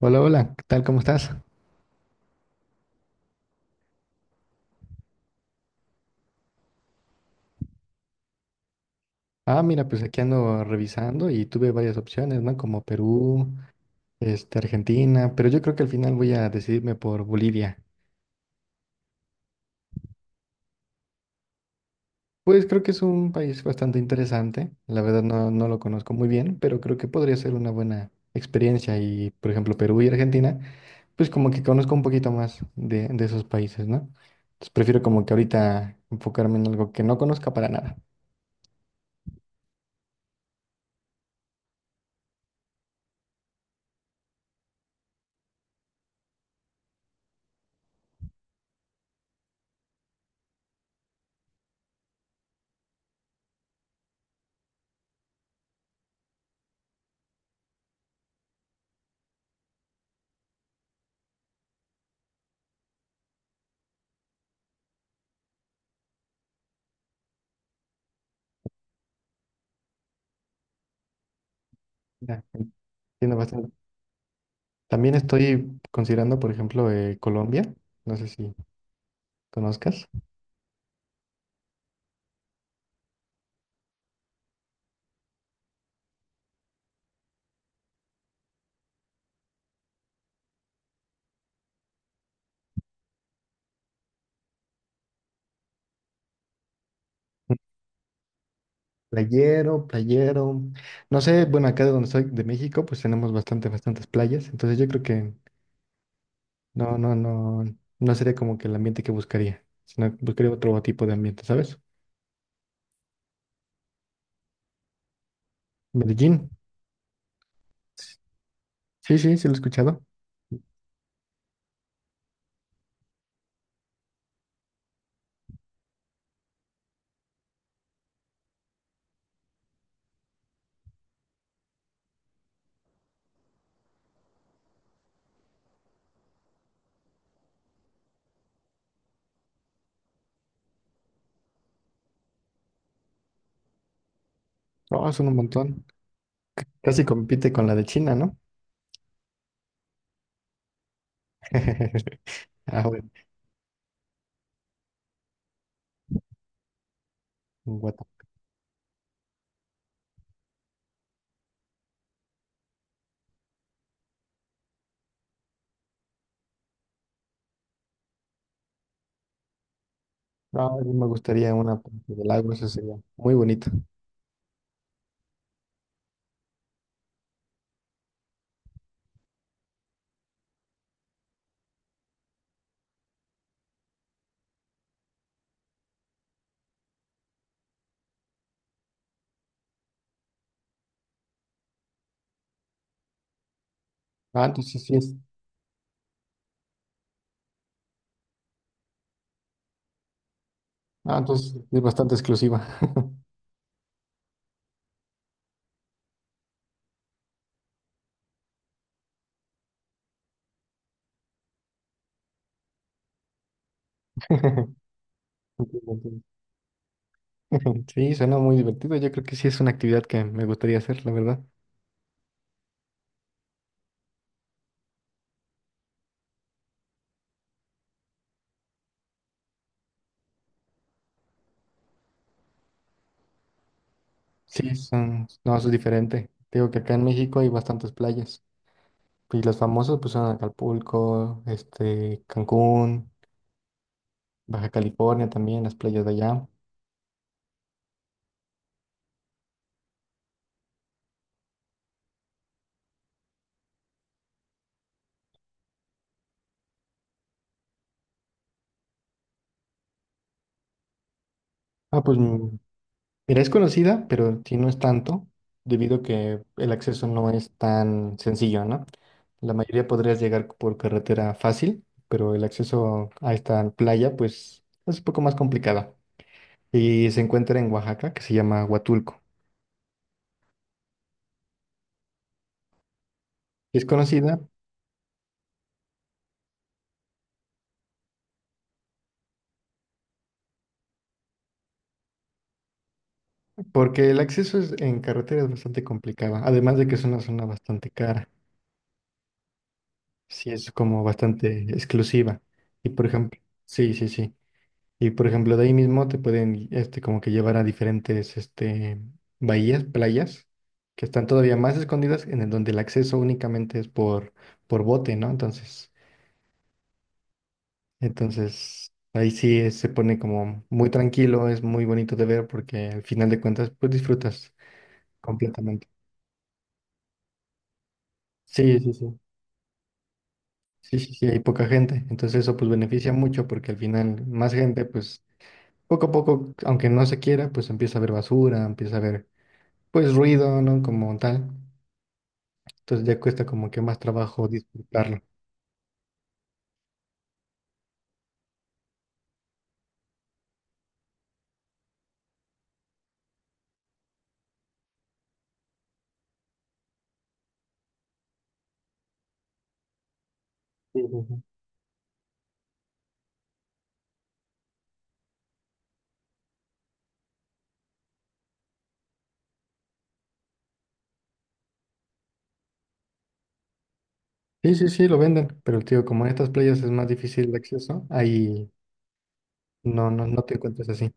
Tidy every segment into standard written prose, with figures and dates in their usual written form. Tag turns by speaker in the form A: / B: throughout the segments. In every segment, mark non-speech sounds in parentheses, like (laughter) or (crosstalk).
A: Hola, hola, ¿qué tal? ¿Cómo estás? Ah, mira, pues aquí ando revisando y tuve varias opciones, ¿no? Como Perú, Argentina, pero yo creo que al final voy a decidirme por Bolivia. Pues creo que es un país bastante interesante, la verdad no, no lo conozco muy bien, pero creo que podría ser una buena experiencia y, por ejemplo, Perú y Argentina, pues como que conozco un poquito más de esos países, ¿no? Entonces prefiero como que ahorita enfocarme en algo que no conozca para nada. Ya, entiendo bastante. También estoy considerando, por ejemplo, Colombia. No sé si conozcas. Mm, playero, playero. No sé, bueno, acá de donde soy, de México, pues tenemos bastante, bastantes playas. Entonces yo creo que no, no, no, no sería como que el ambiente que buscaría, sino que buscaría otro tipo de ambiente, ¿sabes? Medellín. Sí, sí, sí lo he escuchado. Oh, son un montón. Casi compite con la de China, ¿no? (laughs) Ah, bueno, Guata. No, a mí me gustaría una parte del lago, eso sería muy bonito. Ah, entonces sí es. Ah, entonces es bastante exclusiva. (laughs) Entiendo, entiendo. (laughs) Sí, suena muy divertido. Yo creo que sí es una actividad que me gustaría hacer, la verdad. Sí, son, no, eso es diferente. Te digo que acá en México hay bastantes playas. Y las famosas pues son Acapulco, Cancún, Baja California también, las playas de allá. Ah, pues mira, es conocida, pero sí no es tanto, debido a que el acceso no es tan sencillo, ¿no? La mayoría podrías llegar por carretera fácil, pero el acceso a esta playa, pues, es un poco más complicado. Y se encuentra en Oaxaca, que se llama Huatulco. Es conocida porque el acceso es- en carretera es bastante complicado, además de que es una zona bastante cara. Sí, es como bastante exclusiva. Y por ejemplo, sí, sí, sí. Y por ejemplo, de ahí mismo te pueden, como que llevar a diferentes, bahías, playas, que están todavía más escondidas, en el donde el acceso únicamente es por bote, ¿no? Entonces, entonces, ahí sí es- se pone como muy tranquilo, es muy bonito de ver porque al final de cuentas, pues disfrutas completamente. Sí, sí, sí. Sí, sí, sí, hay poca gente. Entonces eso pues beneficia mucho porque al final más gente, pues poco a poco, aunque no se quiera, pues empieza a ver basura, empieza a ver pues ruido, ¿no? Como tal. Entonces ya cuesta como que más trabajo disfrutarlo. Sí, sí, sí. Sí, sí, sí, lo venden, pero tío, como en estas playas es más difícil el acceso, ahí no, no, no te encuentras así.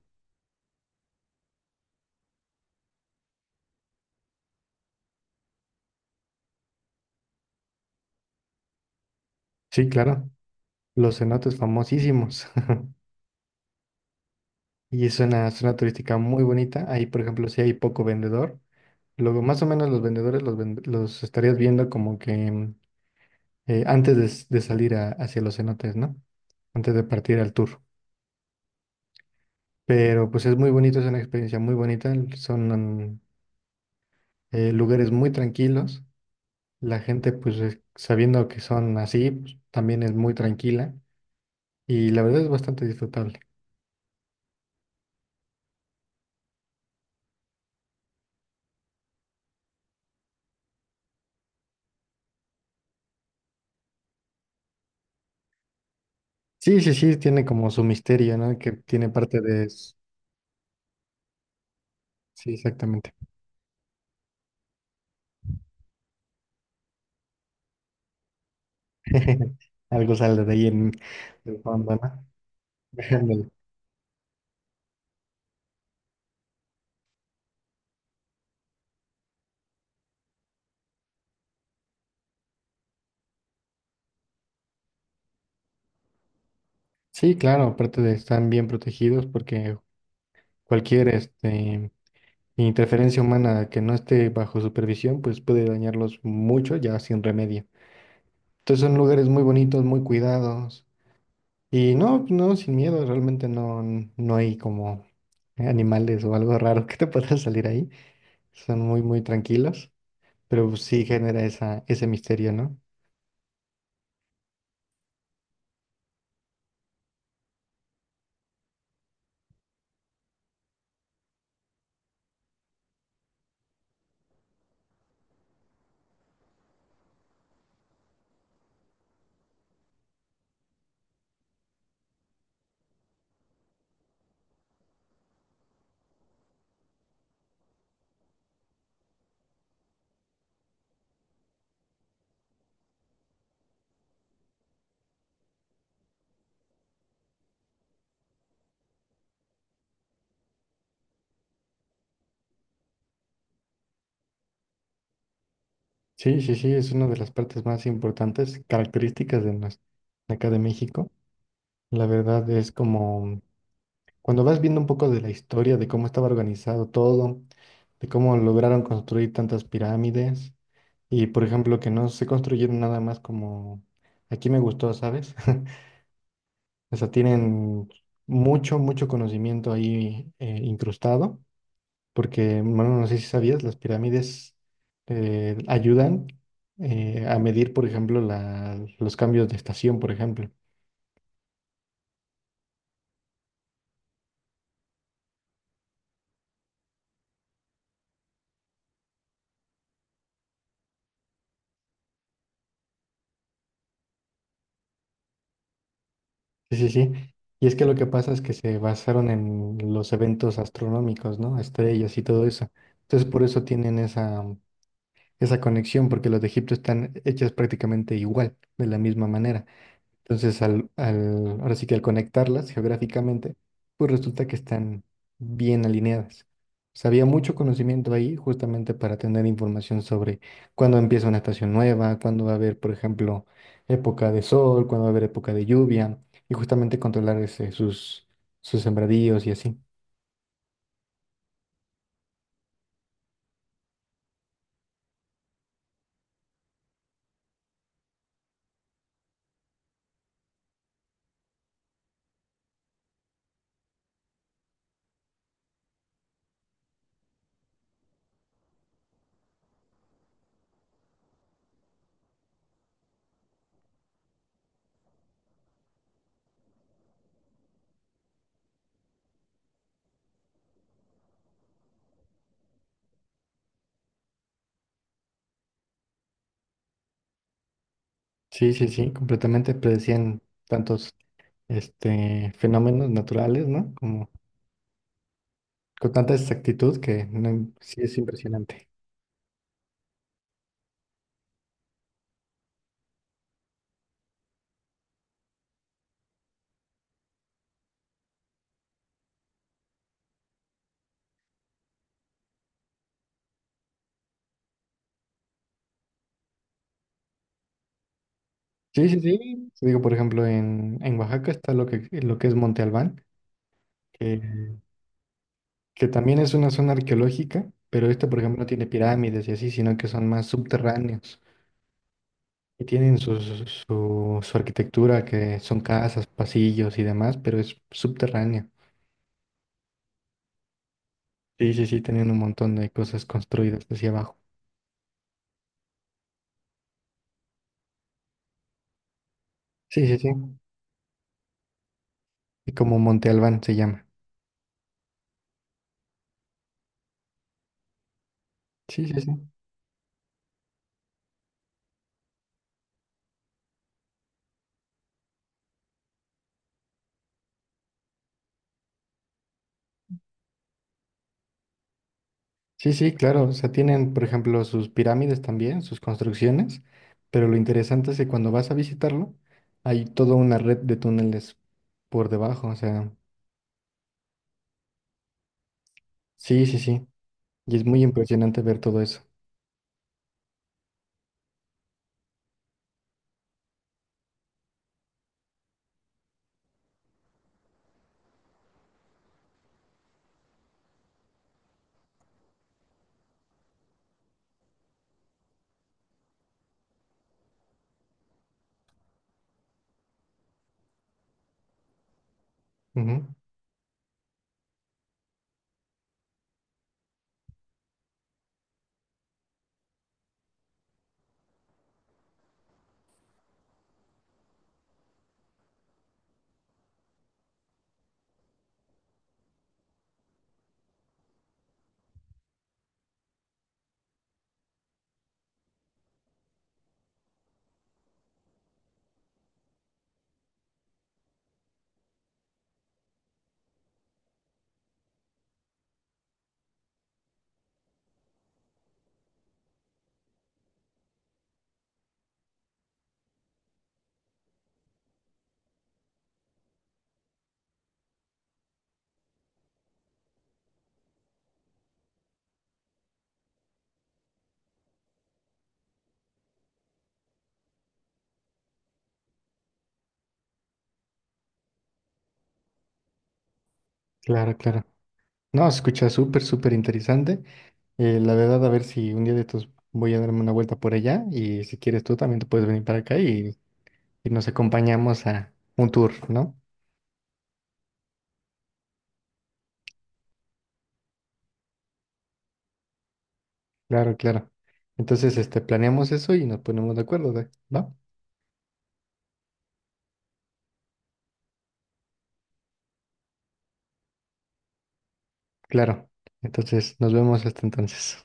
A: Sí, claro, los cenotes famosísimos. (laughs) Y es una zona turística muy bonita. Ahí, por ejemplo, si hay poco vendedor, luego más o menos los vendedores los, ven- los estarías viendo como que antes de, s- de salir a- hacia los cenotes, ¿no? Antes de partir al tour. Pero pues es muy bonito, es una experiencia muy bonita. Mm, Lugares muy tranquilos. La gente, pues es- sabiendo que son así, pues, también es muy tranquila y la verdad es bastante disfrutable. Sí, sí, sí, tiene como su misterio, ¿no? Que tiene parte de... s- Sí, exactamente. (laughs) Algo sale de ahí en el fondo, ¿no? (laughs) Ándale. Sí, claro, aparte de están bien protegidos porque cualquier interferencia humana que no esté bajo supervisión, pues puede dañarlos mucho ya sin remedio. Entonces son lugares muy bonitos, muy cuidados. Y no, no, sin miedo, realmente no, no hay como animales o algo raro que te pueda (laughs) salir ahí. Son muy, muy tranquilos, pero pues sí genera esa, ese misterio, ¿no? Sí, sí, sí, es una de las partes más importantes, características de, nos- de acá de México. La verdad es como cuando vas viendo un poco de la historia, de cómo estaba organizado todo, de cómo lograron construir tantas pirámides. Y por ejemplo, que no se construyeron nada más como aquí me gustó, ¿sabes? (laughs) O sea, tienen mucho, mucho conocimiento ahí incrustado, porque, bueno, no sé si sabías, las pirámides ayudan a medir, por ejemplo, la- los cambios de estación, por ejemplo. Sí, sí, sí. Y es que lo que pasa es que se basaron en los eventos astronómicos, ¿no? Estrellas y todo eso. Entonces, por eso tienen esa conexión, porque los de Egipto están hechas prácticamente igual, de la misma manera. Entonces, ahora sí que al conectarlas geográficamente, pues resulta que están bien alineadas. O sea, había mucho conocimiento ahí justamente para tener información sobre cuándo empieza una estación nueva, cuándo va a haber, por ejemplo, época de sol, cuándo va a haber época de lluvia, y justamente controlar ese- sus sembradíos y así. Sí, sí, sí, completamente predecían tantos fenómenos naturales, ¿no? Como con tanta exactitud que no, sí es impresionante. Sí, sí, sí. Te digo, por ejemplo, en Oaxaca está lo que es Monte Albán, que, que también es una zona arqueológica, pero esta, por ejemplo, no tiene pirámides y así, sino que son más subterráneos y tienen su arquitectura, que son casas, pasillos y demás, pero es subterráneo. Sí, sí, sí, tienen un montón de cosas construidas hacia abajo. Sí, sí, sí. Y como Monte Albán se llama. Sí, sí, sí. Sí, sí, claro. O sea, tienen, por ejemplo, sus pirámides también, sus construcciones, pero lo interesante es que cuando vas a visitarlo, hay toda una red de túneles por debajo. O sea, sí, sí, sí. Y es muy impresionante ver todo eso. Ujú, claro, claro. No, se escucha súper, súper interesante. La verdad, a ver si un día de estos voy a darme una vuelta por allá y si quieres tú también te puedes venir para acá y nos acompañamos a un tour, ¿no? Claro, claro. Entonces, planeamos eso y nos ponemos de acuerdo, ¿de- ¿va? Claro. Entonces, nos vemos hasta entonces.